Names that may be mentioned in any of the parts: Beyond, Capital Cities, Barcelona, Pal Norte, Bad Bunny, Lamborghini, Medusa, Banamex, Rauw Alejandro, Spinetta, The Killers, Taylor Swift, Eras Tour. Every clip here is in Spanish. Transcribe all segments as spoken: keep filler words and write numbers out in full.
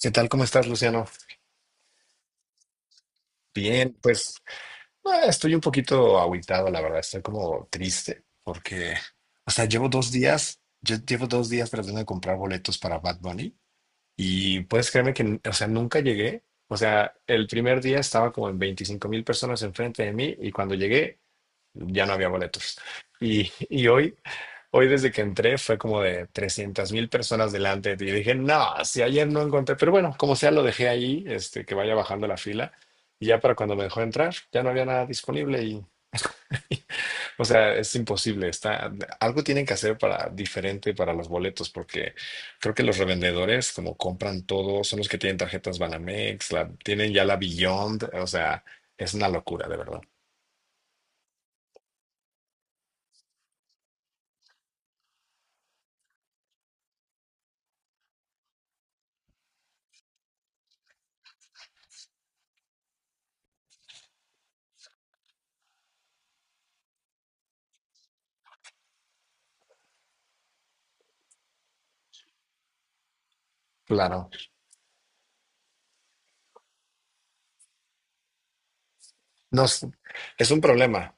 ¿Qué tal? ¿Cómo estás, Luciano? Bien, pues eh, estoy un poquito agüitado, la verdad. Estoy como triste porque, o sea, llevo dos días, yo llevo dos días tratando de comprar boletos para Bad Bunny y puedes creerme que, n- o sea, nunca llegué. O sea, el primer día estaba como en veinticinco mil personas enfrente de mí y cuando llegué ya no había boletos. Y, y hoy Hoy desde que entré fue como de trescientas mil personas delante de ti. Y dije, no, si ayer no encontré, pero bueno, como sea, lo dejé ahí, este, que vaya bajando la fila. Y ya para cuando me dejó entrar, ya no había nada disponible y, o sea, es imposible. Está, algo tienen que hacer para diferente para los boletos, porque creo que los revendedores, como compran todo, son los que tienen tarjetas Banamex, la, tienen ya la Beyond, o sea, es una locura, de verdad. Claro. No, es es un problema,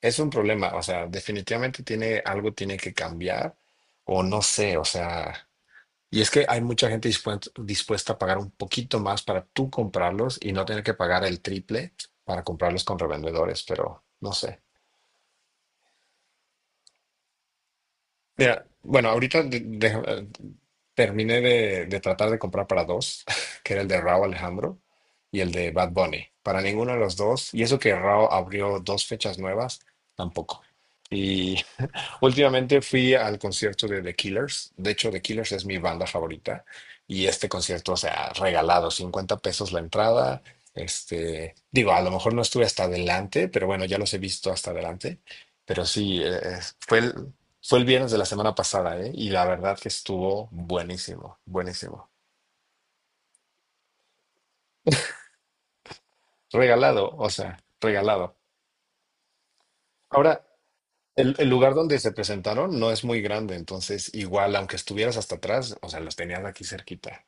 es un problema, o sea, definitivamente tiene algo tiene que cambiar o no sé, o sea, y es que hay mucha gente dispuesta, dispuesta a pagar un poquito más para tú comprarlos y no tener que pagar el triple para comprarlos con revendedores, pero no sé. Mira, bueno, ahorita de- de- terminé de, de tratar de comprar para dos, que era el de Rauw Alejandro y el de Bad Bunny. Para ninguno de los dos, y eso que Rauw abrió dos fechas nuevas, tampoco. Últimamente fui al concierto de The Killers. De hecho, The Killers es mi banda favorita. Y este concierto, o sea, regalado, cincuenta pesos la entrada. Este, digo, a lo mejor no estuve hasta adelante, pero bueno, ya los he visto hasta adelante. Pero sí, eh, eh, fue el, fue el viernes de la semana pasada, ¿eh? Y la verdad que estuvo buenísimo, buenísimo. Regalado, o sea, regalado. Ahora, el, el lugar donde se presentaron no es muy grande, entonces igual, aunque estuvieras hasta atrás, o sea, los tenías aquí cerquita.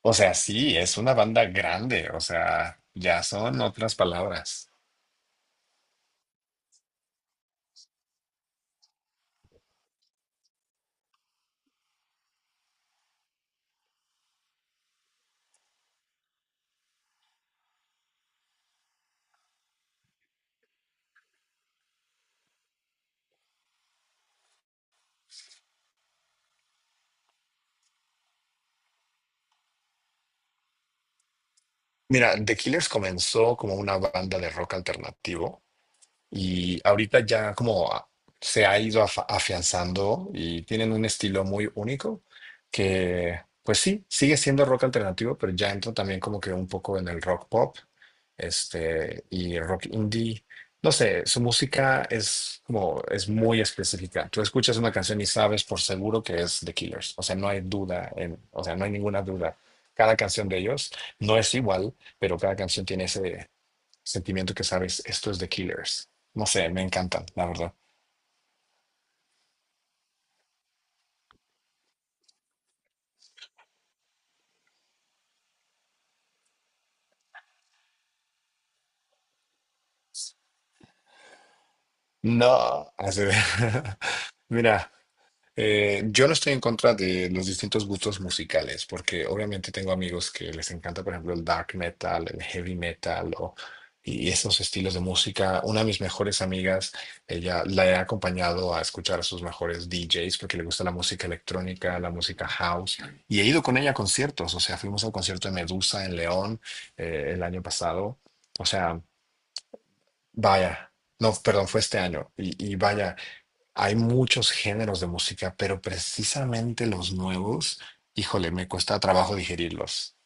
O sea, sí, es una banda grande, o sea, ya son otras palabras. Mira, The Killers comenzó como una banda de rock alternativo. Y ahorita ya como a- se ha ido afa- afianzando y tienen un estilo muy único que, pues sí, sigue siendo rock alternativo, pero ya entra también como que un poco en el rock pop, este, y rock indie. No sé, su música es como, es muy específica. Tú escuchas una canción y sabes por seguro que es The Killers. O sea, no hay duda, en- o sea, no hay ninguna duda. Cada canción de ellos no es igual, pero cada canción tiene ese sentimiento que sabes, esto es de Killers. No sé, me encantan, la verdad. No, así de- Mira. Eh, yo no estoy en contra de los distintos gustos musicales, porque obviamente tengo amigos que les encanta, por ejemplo, el dark metal, el heavy metal o, y esos estilos de música. Una de mis mejores amigas, ella la he acompañado a escuchar a sus mejores D Js porque le gusta la música electrónica, la música house, y he ido con ella a conciertos. O sea, fuimos al concierto de Medusa en León eh, el año pasado. O sea, vaya, no, perdón, fue este año. Y, y vaya, hay muchos géneros de música, pero precisamente los nuevos, híjole, me cuesta trabajo digerirlos.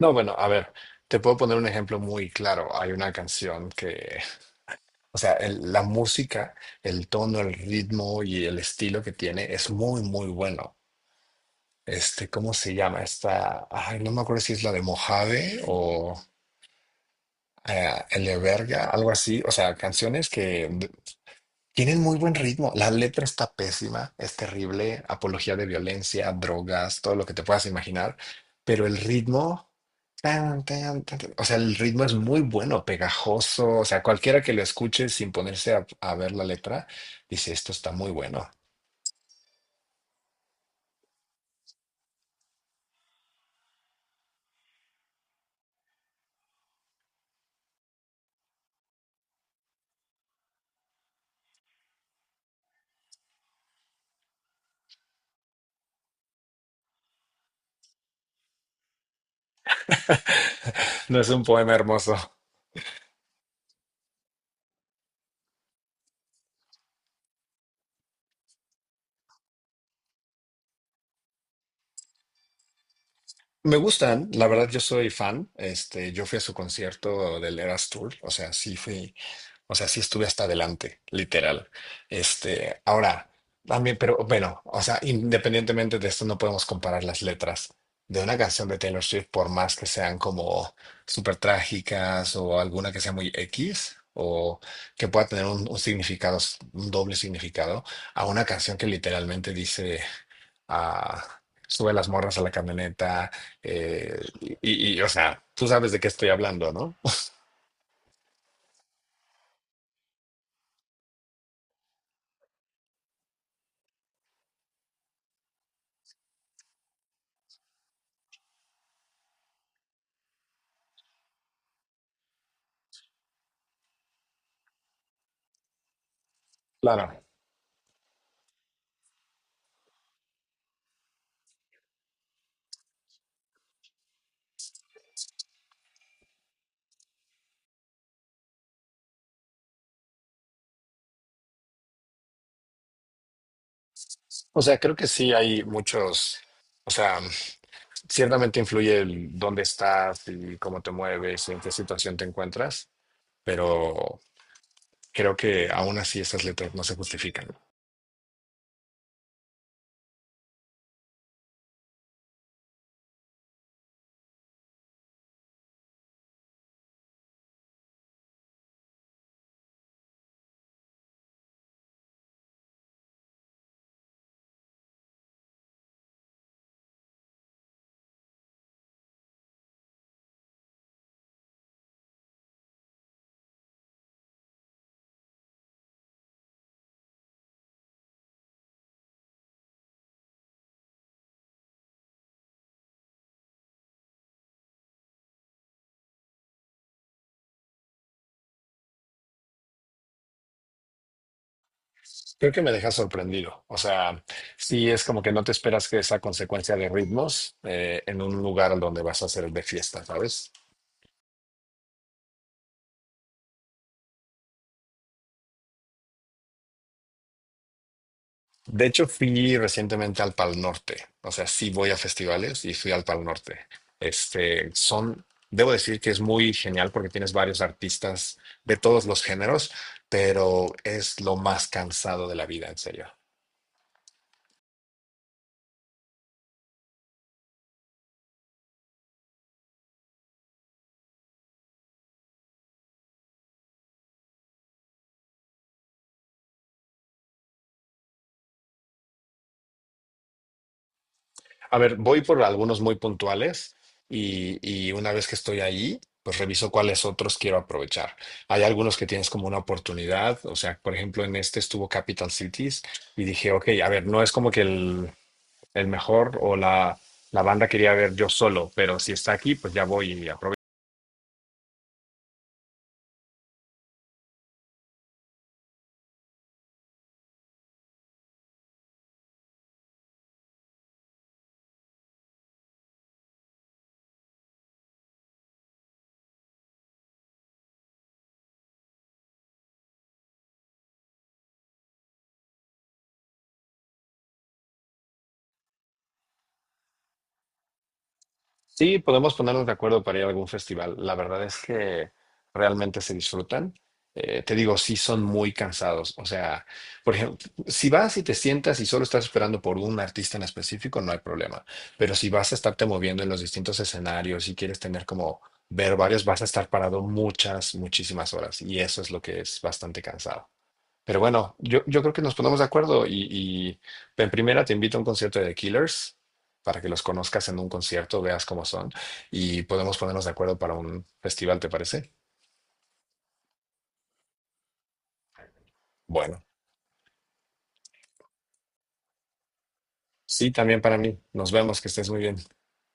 No, bueno, a ver, te puedo poner un ejemplo muy claro. Hay una canción que, o sea, el- la música, el tono, el ritmo y el estilo que tiene es muy, muy bueno. Este, ¿cómo se llama? Esta, ay, no me acuerdo si es la de Mojave o eh, El de Verga, algo así. O sea, canciones que tienen muy buen ritmo. La letra está pésima, es terrible, apología de violencia, drogas, todo lo que te puedas imaginar, pero el ritmo, tan, tan, tan, tan, o sea, el ritmo es muy bueno, pegajoso, o sea, cualquiera que lo escuche sin ponerse a, a ver la letra, dice, esto está muy bueno. No es un poema hermoso. Me gustan, la verdad yo soy fan. Este, yo fui a su concierto del Eras Tour, o sea, sí fui. O sea, sí estuve hasta adelante, literal. Este, ahora, también, pero bueno, o sea, independientemente de esto, no podemos comparar las letras de una canción de Taylor Swift, por más que sean como súper trágicas o alguna que sea muy X o que pueda tener un, un significado, un doble significado, a una canción que literalmente dice, ah, sube las morras a la camioneta, eh, y, y, y, o sea, tú sabes de qué estoy hablando, ¿no? Claro. O sea, creo que sí hay muchos, o sea, ciertamente influye el dónde estás y cómo te mueves y en qué situación te encuentras, pero creo que aún así esas letras no se justifican. Creo que me deja sorprendido. O sea, sí es como que no te esperas que esa consecuencia de ritmos eh, en un lugar donde vas a hacer de fiesta, ¿sabes? De hecho, fui recientemente al Pal Norte. O sea, sí voy a festivales y fui al Pal Norte. Este, son, debo decir que es muy genial porque tienes varios artistas de todos los géneros, pero es lo más cansado de la vida, en serio. A ver, voy por algunos muy puntuales y, y una vez que estoy ahí, pues reviso cuáles otros quiero aprovechar. Hay algunos que tienes como una oportunidad. O sea, por ejemplo, en este estuvo Capital Cities y dije, ok, a ver, no es como que el el mejor o la, la banda quería ver yo solo, pero si está aquí, pues ya voy y aprovecho. Sí, podemos ponernos de acuerdo para ir a algún festival. La verdad es que realmente se disfrutan. Eh, te digo, sí son muy cansados. O sea, por ejemplo, si vas y te sientas y solo estás esperando por un artista en específico, no hay problema. Pero si vas a estarte moviendo en los distintos escenarios y quieres tener como ver varios, vas a estar parado muchas, muchísimas horas. Y eso es lo que es bastante cansado. Pero bueno, yo, yo creo que nos ponemos de acuerdo y, y en primera te invito a un concierto de The Killers para que los conozcas en un concierto, veas cómo son y podemos ponernos de acuerdo para un festival, ¿te parece? Bueno, sí, también para mí. Nos vemos, que estés muy bien.